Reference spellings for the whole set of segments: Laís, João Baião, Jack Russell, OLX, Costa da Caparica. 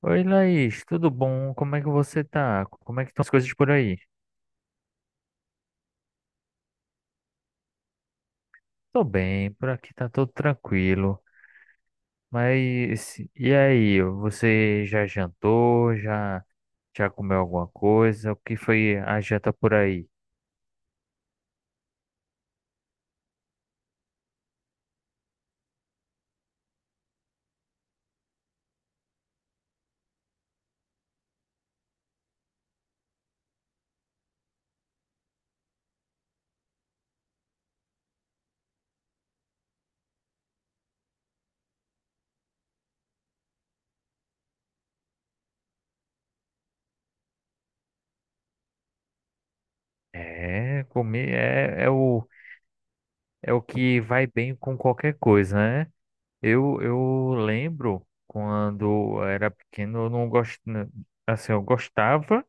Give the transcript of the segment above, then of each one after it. Oi, Laís, tudo bom? Como é que você tá? Como é que estão as coisas por aí? Tô bem, por aqui tá tudo tranquilo. Mas e aí, você já jantou? Já comeu alguma coisa? O que foi a janta por aí? Comer é o que vai bem com qualquer coisa, né? Eu lembro quando eu era pequeno, eu não gosto assim, eu gostava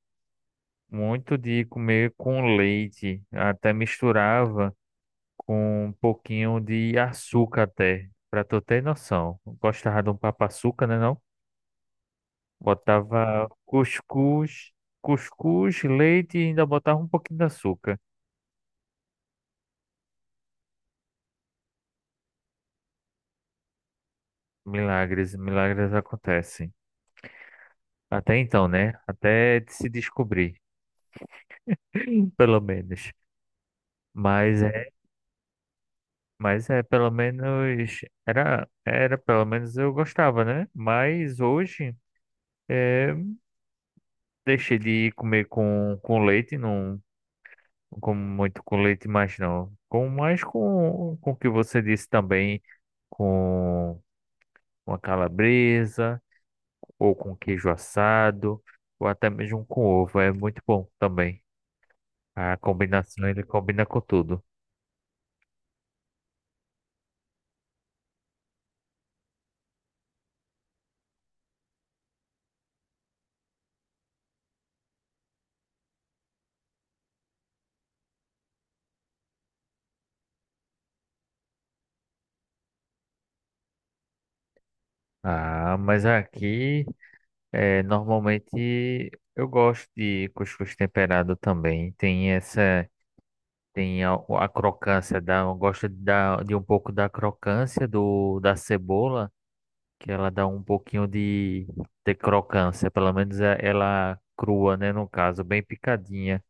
muito de comer com leite, até misturava com um pouquinho de açúcar até, pra tu ter noção. Gostava de um papa-açúcar, né não? Botava cuscuz, leite e ainda botava um pouquinho de açúcar. Milagres, milagres acontecem. Até então, né? Até se descobrir, pelo menos. Mas é, mas é pelo menos era pelo menos eu gostava, né? Mas hoje é, deixei de comer com leite, não, não como muito com leite, mas não. Mais com o que você disse também, com uma calabresa, ou com queijo assado, ou até mesmo com ovo, é muito bom também. A combinação, ele combina com tudo. Ah, mas aqui, é, normalmente, eu gosto de cuscuz temperado também. Tem a crocância da eu gosto de um pouco da crocância da cebola, que ela dá um pouquinho de crocância, pelo menos é- ela crua, né, no caso, bem picadinha.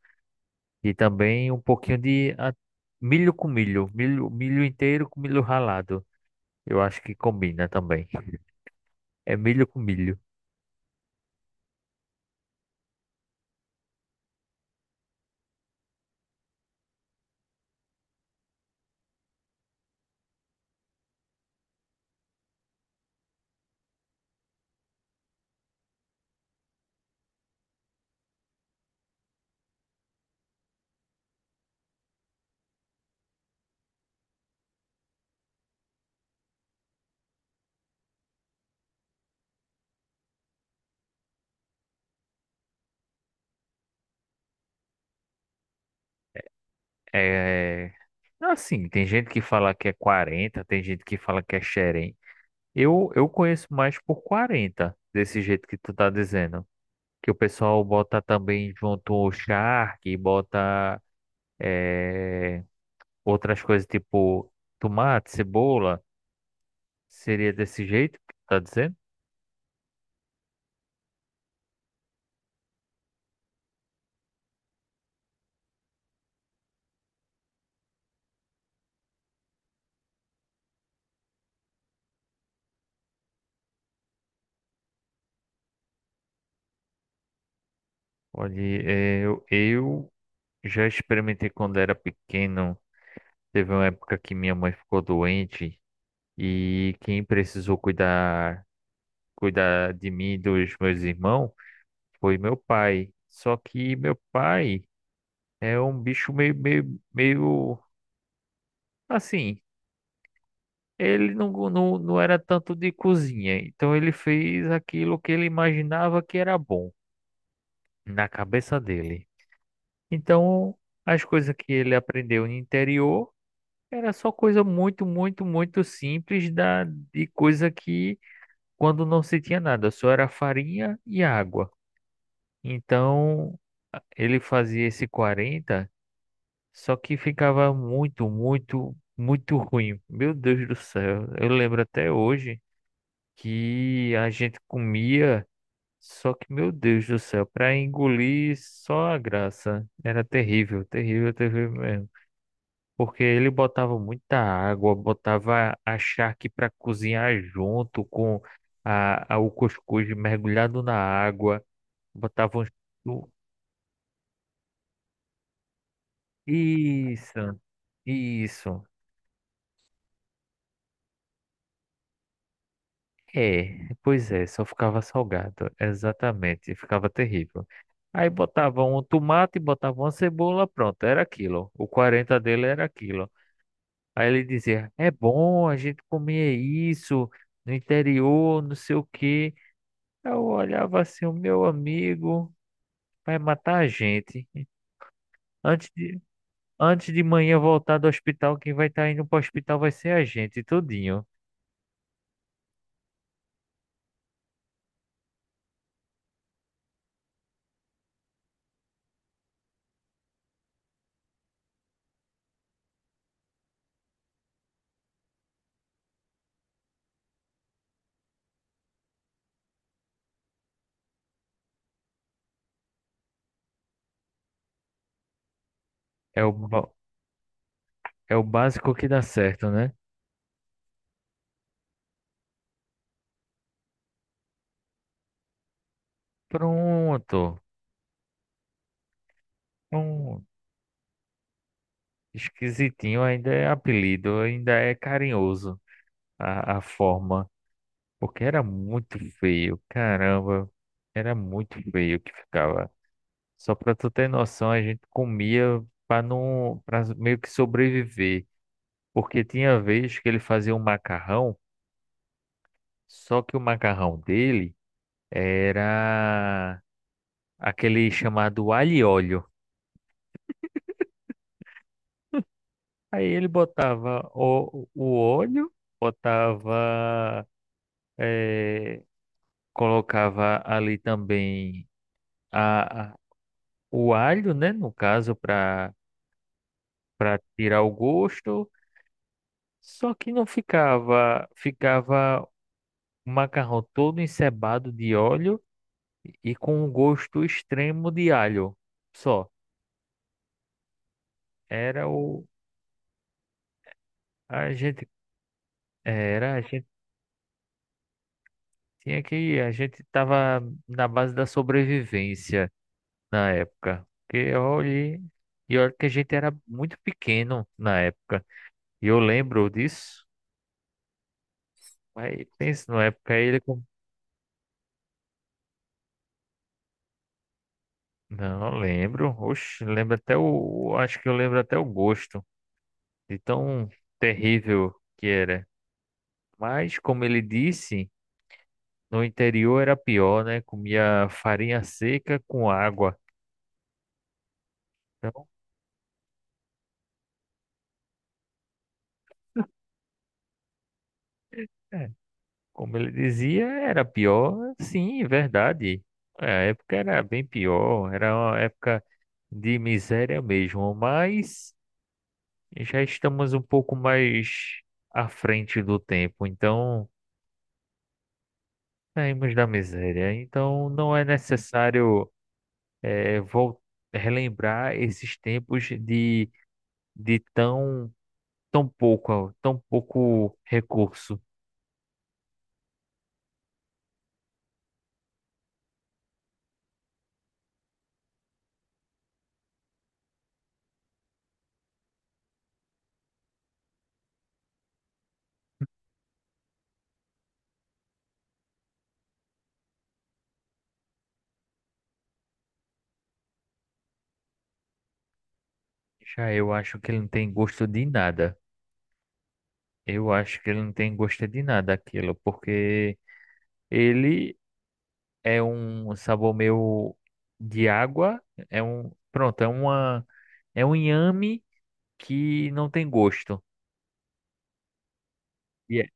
E também um pouquinho de milho com milho, milho inteiro com milho ralado. Eu acho que combina também. É milho com milho. É assim, tem gente que fala que é quarenta, tem gente que fala que é xerém. Eu conheço mais por 40 desse jeito que tu tá dizendo. Que o pessoal bota também junto o charque, bota eh, outras coisas tipo tomate, cebola. Seria desse jeito que tu tá dizendo? Olha, eu já experimentei quando era pequeno. Teve uma época que minha mãe ficou doente e quem precisou cuidar de mim e dos meus irmãos foi meu pai. Só que meu pai é um bicho meio assim. Ele não era tanto de cozinha, então ele fez aquilo que ele imaginava que era bom na cabeça dele. Então, as coisas que ele aprendeu no interior era só coisa muito, muito, muito simples de coisa que quando não se tinha nada, só era farinha e água. Então, ele fazia esse quarenta. Só que ficava muito, muito, muito ruim. Meu Deus do céu. Eu lembro até hoje que a gente comia, só que, meu Deus do céu, para engolir só a graça. Era terrível, terrível, terrível mesmo. Porque ele botava muita água, botava a charque para cozinhar junto com o cuscuz mergulhado na água, botava um. Isso, isso. É, pois é, só ficava salgado, exatamente, ficava terrível. Aí botava um tomate, botava uma cebola, pronto, era aquilo. O 40 dele era aquilo. Aí ele dizia: é bom, a gente comia isso no interior, não sei o quê. Eu olhava assim: o meu amigo vai matar a gente. Antes de, Antes de manhã voltar do hospital, quem vai estar indo para o hospital vai ser a gente, tudinho. É o, ba- É o básico que dá certo, né? Pronto. Pronto. Esquisitinho ainda é apelido, ainda é carinhoso a forma, porque era muito feio, caramba, era muito feio que ficava. Só pra tu ter noção, a gente comia pra não, para meio que sobreviver, porque tinha vez que ele fazia um macarrão, só que o macarrão dele era aquele chamado alho e óleo. Aí ele botava o óleo, botava eh, colocava ali também a, a- o alho, né, no caso, para tirar o gosto, só que não ficava, ficava o macarrão todo encebado de óleo e com um gosto extremo de alho. Só era o a gente era a gente tinha que A gente tava na base da sobrevivência na época. Porque olhe, e olha que a gente era muito pequeno na época. E eu lembro disso. Mas pense na época aí ele. Com- Não, lembro. Oxe, lembro até o... Acho que eu lembro até o gosto de tão terrível que era. Mas, como ele disse, no interior era pior, né? Comia farinha seca com água. Então, é, como ele dizia, era pior. Sim, verdade. É, a época era bem pior. Era uma época de miséria mesmo. Mas já estamos um pouco mais à frente do tempo. Então. Saímos da miséria, então não é necessário eh, vol- relembrar esses tempos de tão pouco recurso. Já eu acho que ele não tem gosto de nada. Eu acho que ele não tem gosto de nada aquilo, porque ele é um sabor meio de água, é é um inhame que não tem gosto. E é-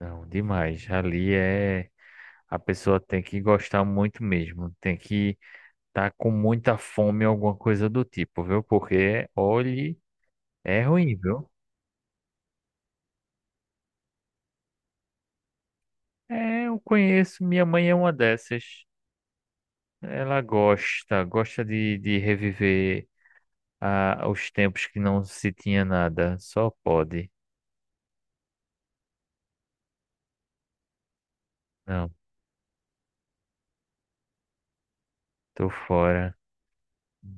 Não, demais. Ali é. A pessoa tem que gostar muito mesmo, tem que estar com muita fome, alguma coisa do tipo, viu? Porque, olhe, é ruim, viu? É, eu conheço, minha mãe é uma dessas. Ela gosta, gosta de reviver os tempos que não se tinha nada, só pode. Não, tô fora.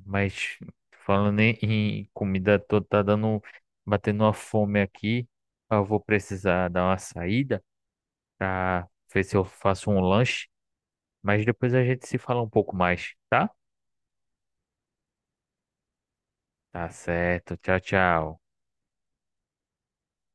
Mas falando em comida, tô tá dando, batendo uma fome aqui. Eu vou precisar dar uma saída pra ver se eu faço um lanche, mas depois a gente se fala um pouco mais, tá? Tá certo. Tchau, tchau.